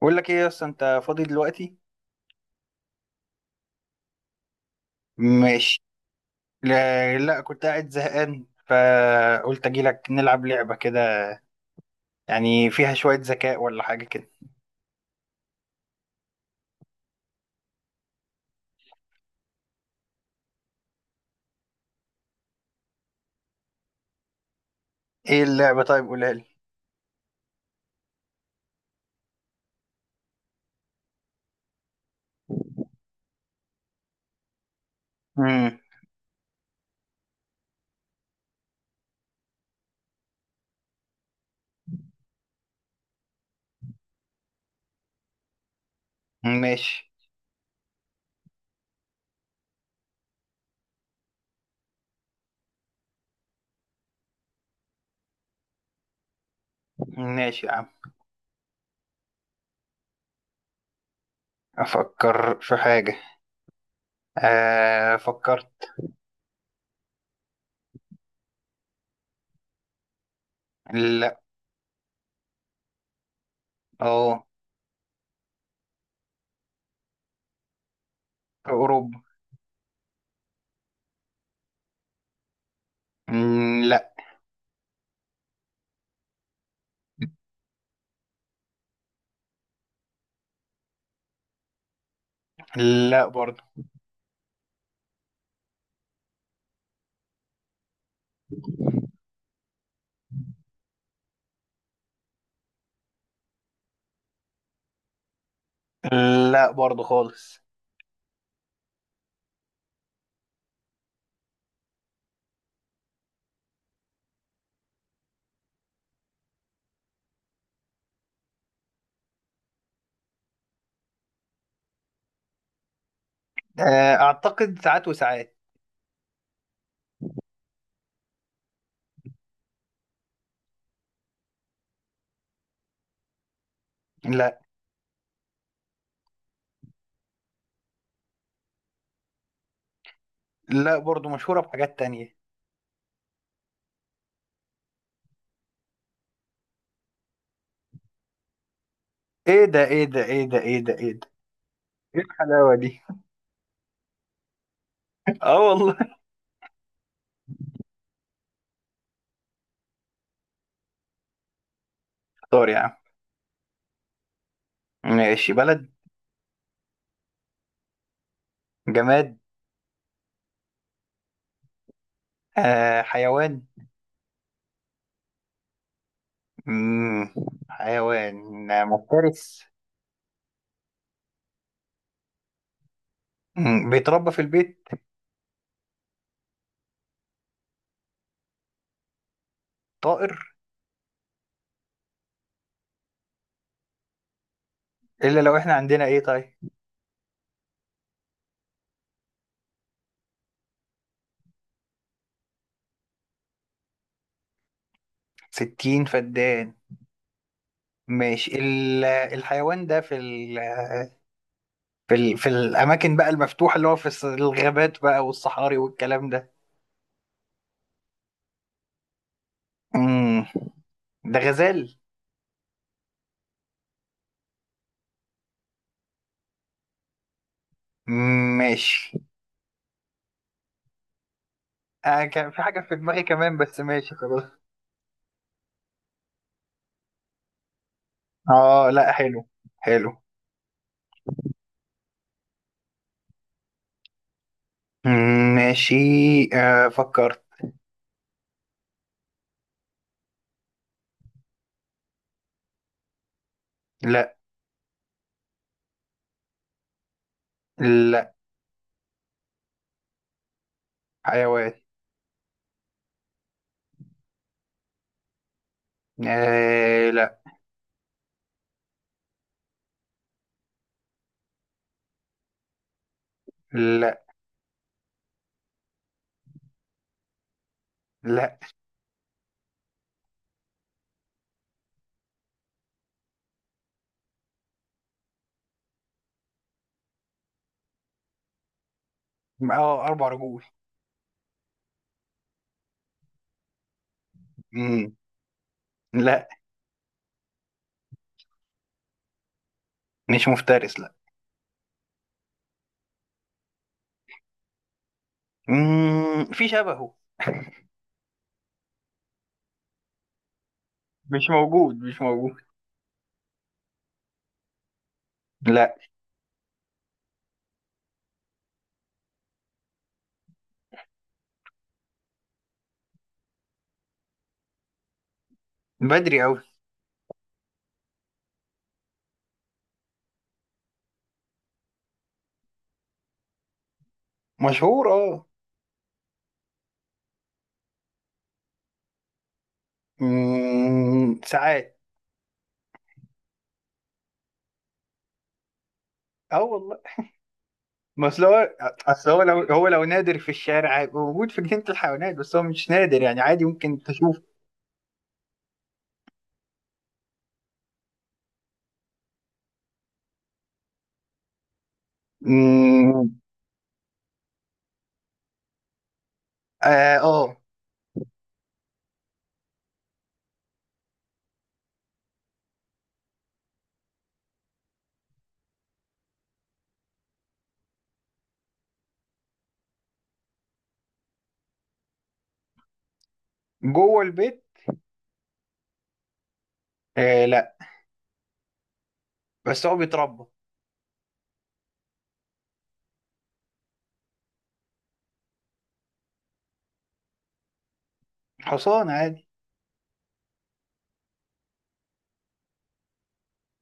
بقول لك ايه اصلا انت فاضي دلوقتي؟ ماشي. لا, لا كنت قاعد زهقان فقلت اجي لك نلعب لعبة كده. يعني فيها شوية ذكاء ولا حاجة كده. ايه اللعبة؟ طيب قولها لي. امم ماشي، ماشي يا عم. افكر في حاجة. آه، فكرت. لا. اه، في اوروبا. لا. لا برضه. لا برضه خالص. آه، اعتقد ساعات وساعات. لا. لا برضه، مشهورة بحاجات تانية. ايه ده ايه ده ايه ده ايه ده ايه ده! ايه الحلاوة دي؟ اه والله. طار يا عم. ماشي. بلد؟ جماد؟ آه، حيوان. مم. حيوان، مفترس؟ بيتربى في البيت؟ طائر؟ الا لو احنا عندنا ايه طيب؟ 60 فدان؟ ماشي، الحيوان ده في ال في الاماكن بقى المفتوحه، اللي هو في الغابات بقى والصحاري والكلام ده. مم. ده غزال؟ ماشي. آه، كان في حاجه في دماغي كمان بس ماشي خلاص. اه، لا، حلو. حلو. ماشي. آه، فكرت. لا. لا. حيوان. آه، لا. لا. لا. اه، 4 رجول. مم، لا، مش مفترس. لا. في شبهه. مش موجود، مش موجود. لا. بدري قوي. مشهور، اه. ساعات. اه والله. ما اصل هو، اصل هو لو نادر في الشارع هيبقى موجود في جنينة الحيوانات، بس هو مش نادر، يعني عادي ممكن تشوف. مم، اه آه، جوه البيت؟ آه، لا، بس هو بيتربى. حصان عادي.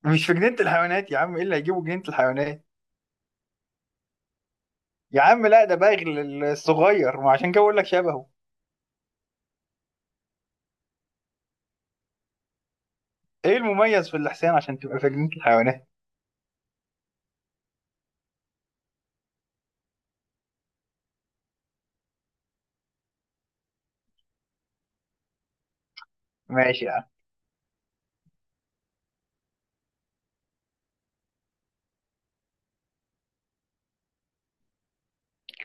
مش في جنينة الحيوانات يا عم، ايه اللي هيجيبه جنينة الحيوانات؟ يا عم لا، ده باغي الصغير، ما عشان كده بقول لك شبهه. ايه المميز في الحصان عشان تبقى في جنينة الحيوانات؟ ماشي يا عم.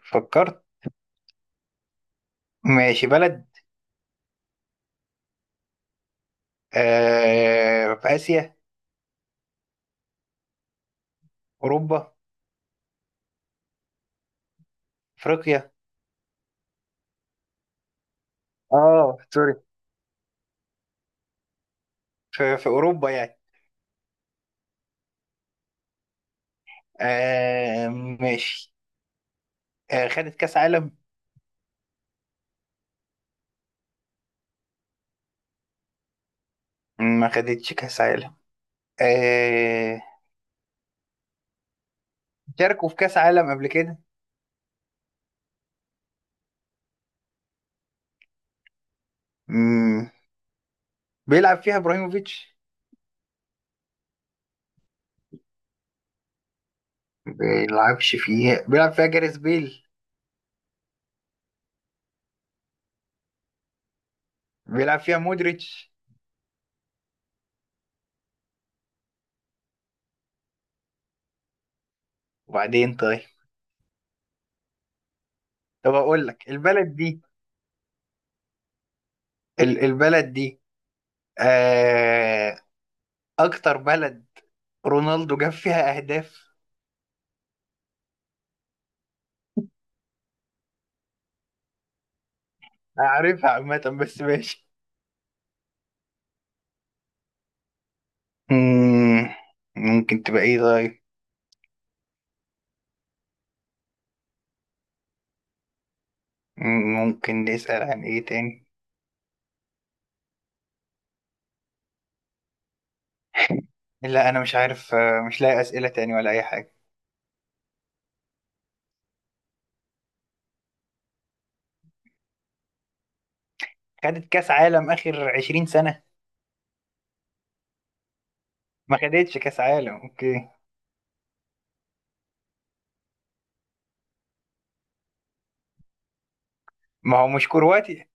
فكرت. ماشي. بلد؟ آه، في آسيا؟ أوروبا؟ أفريقيا؟ اه، سوري. في أوروبا يعني. آه، ماشي. آه، خدت كأس عالم؟ ما خدتش كأس عالم. آه. شاركوا في كأس عالم قبل كده؟ مم. بيلعب فيها ابراهيموفيتش؟ بيلعب فيها جاريث بيل؟ بيلعب فيها مودريتش؟ وبعدين طيب. طب اقول لك البلد دي، البلد دي. آه، اكتر بلد رونالدو جاب فيها اهداف. عارفها عامة بس ماشي. مم، ممكن تبقى ايه طيب؟ مم، ممكن نسأل عن ايه تاني؟ لا انا مش عارف، مش لاقي اسئلة تاني ولا اي حاجة. خدت كاس عالم اخر 20 سنة؟ ما خدتش كاس عالم، اوكي. ما هو مش كرواتي.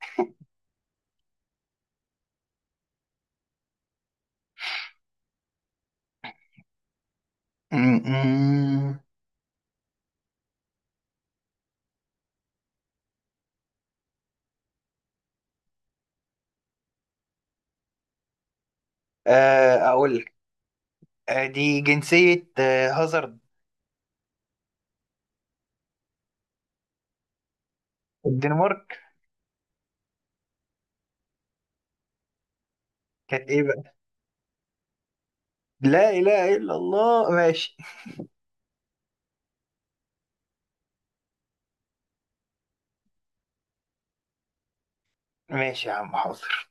اقول لك. دي جنسية هازارد. الدنمارك. كانت ايه بقى؟ لا اله الا الله، ماشي. ماشي يا عم، حاضر.